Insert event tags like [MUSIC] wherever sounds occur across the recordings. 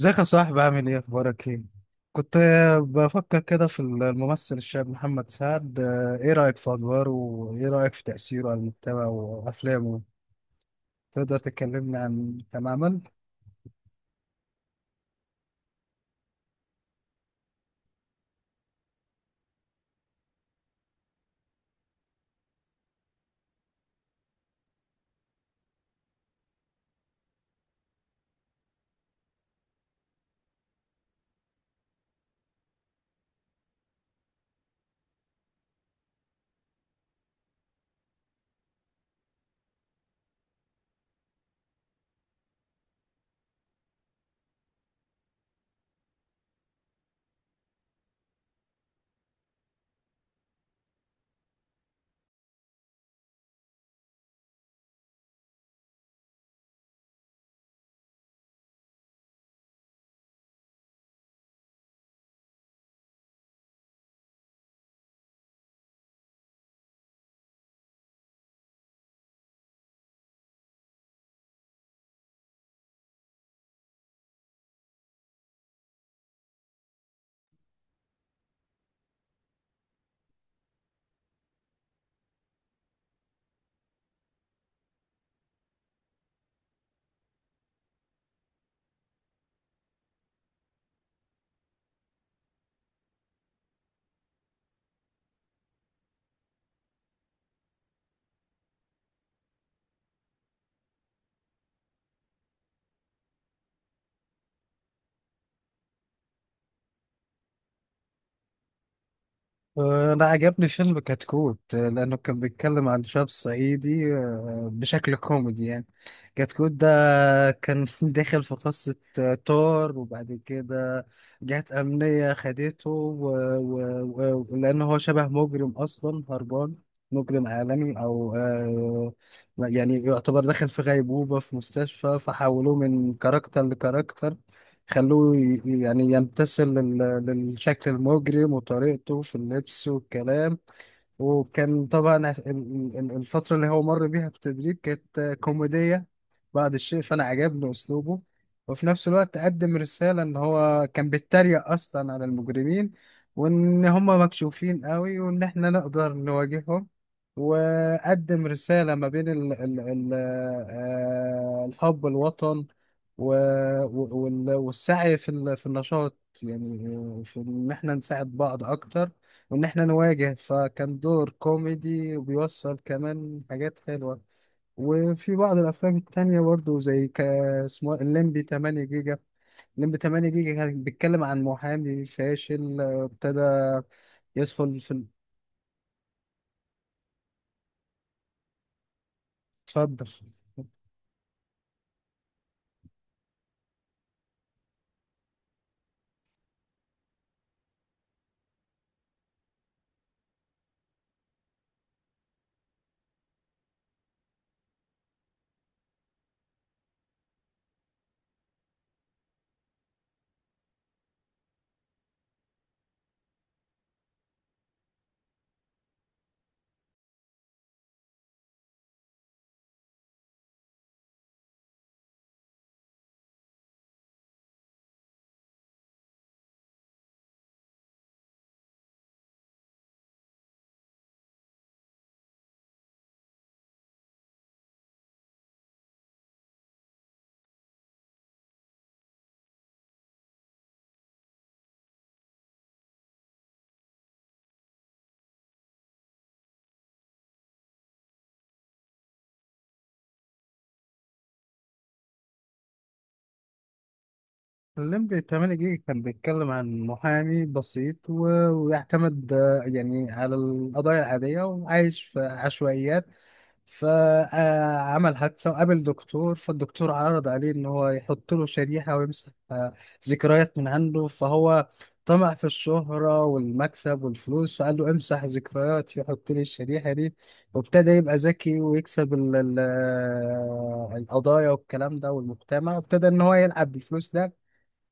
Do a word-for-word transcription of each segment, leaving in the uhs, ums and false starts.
ازيك يا صاحبي، عامل ايه؟ اخبارك ايه؟ كنت آه، بفكر كده في الممثل الشاب محمد سعد. آه، ايه رأيك في ادواره وايه رأيك في تأثيره على المجتمع وافلامه؟ تقدر تكلمنا عن تماما؟ آه، انا عجبني فيلم كتكوت، آه، لانه كان بيتكلم عن شاب صعيدي، آه، بشكل كوميدي يعني. كتكوت ده، فكان [LAUGHS] داخل في قصة. طار وبعد كده جهات أمنية خدته، و... و... و... لأن هو شبه مجرم أصلا هربان. مجرم عالمي أو آه يعني يعتبر داخل في غيبوبة في مستشفى، فحولوه من كاركتر لكاركتر. خلوه ي- يعني يمتثل لل- للشكل المجرم وطريقته في اللبس والكلام. وكان طبعا ال- ال- الفترة اللي هو مر بيها في التدريب كانت كوميدية بعض الشيء. فأنا عجبني أسلوبه، وفي نفس الوقت قدم رسالة إن هو كان بيتريق أصلا على المجرمين، وإن هم مكشوفين قوي، وإن إحنا نقدر نواجههم. وقدم رسالة ما بين ال ال ال آه، الحب الوطن، و- و- وال- والسعي في ال- في النشاط يعني. آه، في إن إحنا نساعد بعض أكتر، وإن إحنا نواجه. فكان دور كوميدي وبيوصل كمان حاجات حلوة. وفي بعض الأفلام التانية برضو زي ك- اسمه إيه؟ الليمبي تمانية جيجا. الليمبي تمانية جيجا كان بيتكلم عن محامي فاشل. آه، ابتدى يدخل في ال- اتفضل. الليمبي تمانية جيجا كان بيتكلم عن محامي بسيط، و... ويعتمد آه، يعني على القضايا العادية، وعايش في عشوائيات. فعمل حادثة وقابل دكتور، فالدكتور عرض عليه إن هو يحط له شريحة ويمسح آه، ذكريات من عنده. فهو طمع في الشهرة والمكسب والفلوس، فقال له: امسح ذكرياتي وحط لي الشريحة دي. وابتدى يبقى ذكي ويكسب ال... ال- آه، القضايا والكلام ده والمجتمع. وابتدى إن هو يلعب بالفلوس ده.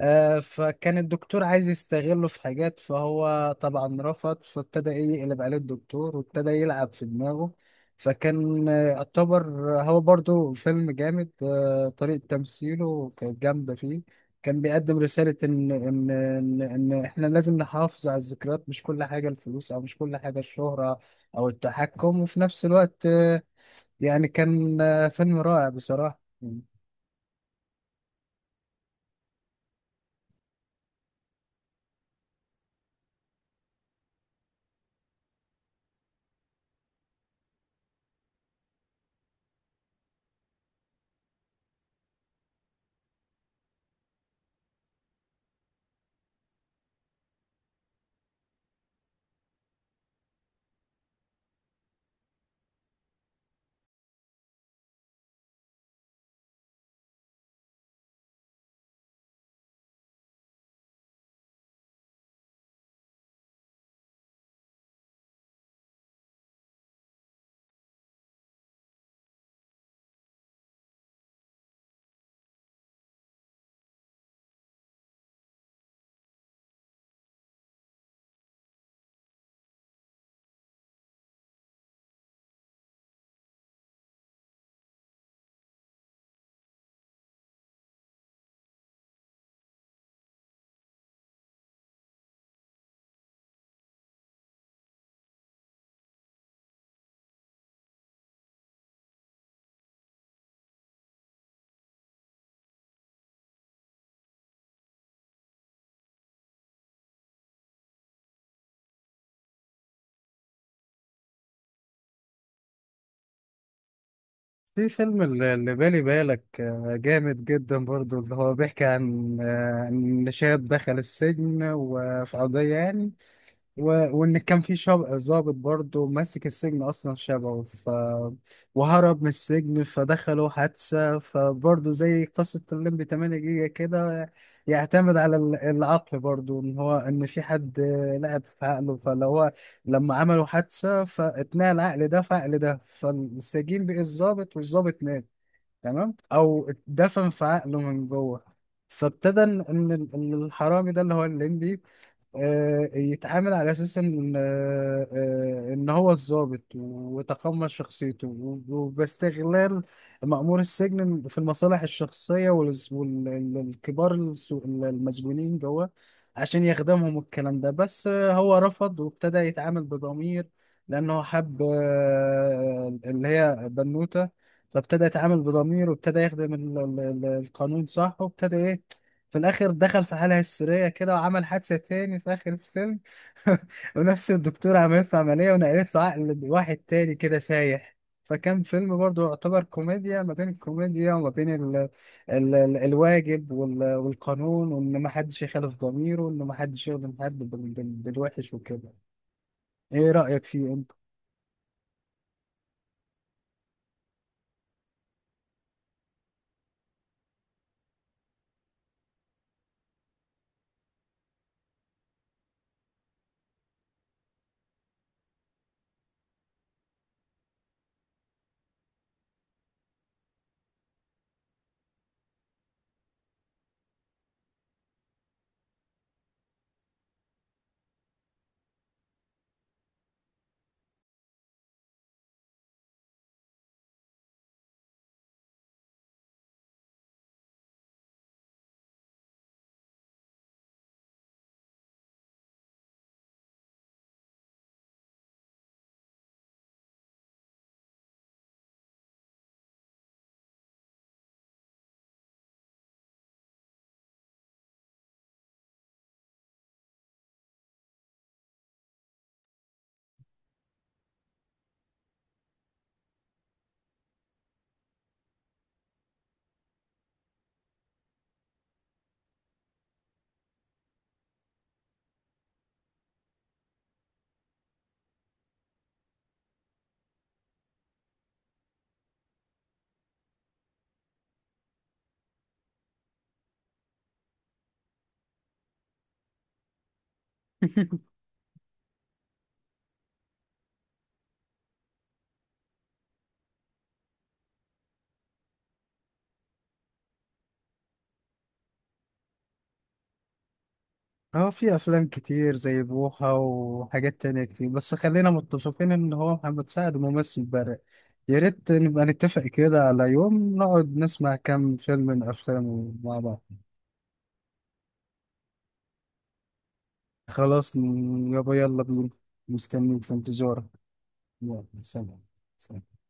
آه، فكان الدكتور عايز يستغله في حاجات، فهو طبعا رفض. فابتدى ايه يقلب عليه الدكتور وابتدى يلعب في دماغه. فكان آه، يعتبر هو برضو فيلم جامد. آه، طريقة تمثيله كانت جامدة فيه. كان بيقدم رسالة إن إن إن إن إحنا لازم نحافظ على الذكريات، مش كل حاجة الفلوس أو مش كل حاجة الشهرة أو التحكم. وفي نفس الوقت آه، يعني كان آه، فيلم رائع بصراحة. في فيلم اللي اللي بالي بالك، آه، جامد جدا برضو، اللي هو بيحكي عن آه، إن شاب دخل السجن وفي قضية يعني. و... وان كان في شاب ضابط برضه ماسك السجن اصلا شبهه ف وهرب من السجن، فدخلوا حادثه. فبرضه زي قصه الليمبي تمانية جيجا كده، يعتمد على ال- العقل برضه، ان هو ان في حد لعب في عقله. فلو هو لما عملوا حادثه، فاتنقل العقل ده في عقل ده. فالسجين بقي الضابط والضابط مات، تمام، او اتدفن في عقله من جوه. فابتدى ان إن الحرامي ده اللي هو الليمبي، آه، يتعامل على اساس ان، آه، آه، ان هو الضابط وتقمص شخصيته وب- وباستغلال مأمور السجن في المصالح الشخصيه والكبار المسجونين جوه عشان يخدمهم. الكلام ده بس، آه، هو رفض وابتدى يتعامل بضمير لانه حب، آه، اللي هي بنوته. فابتدى يتعامل بضمير وابتدى يخدم ال- ال- ال- القانون صح. وابتدى ايه في الاخر دخل في حالة هستيرية كده، وعمل حادثة تاني في اخر الفيلم. [LAUGHS] ونفس الدكتورة عملت له عملية ونقلت له عقل واحد تاني كده سايح. فكان فيلم برضه يعتبر كوميديا، ما بين الكوميديا وما بين ال ال ال الواجب وال والقانون، وان ما حدش يخالف ضميره، وان ما حدش يخدم حد بال بال بالوحش وكده. ايه رأيك فيه انت؟ اه، في افلام كتير زي بوحة وحاجات تانية كتير، بس خلينا متفقين ان هو محمد سعد ممثل بارع. يا ريت نبقى نتفق كده على يوم نقعد نسمع كام فيلم من افلامه مع بعض. خلاص، م- يابا يلا بينا. مستنيك في انتظارك. يلا سلام. سلام.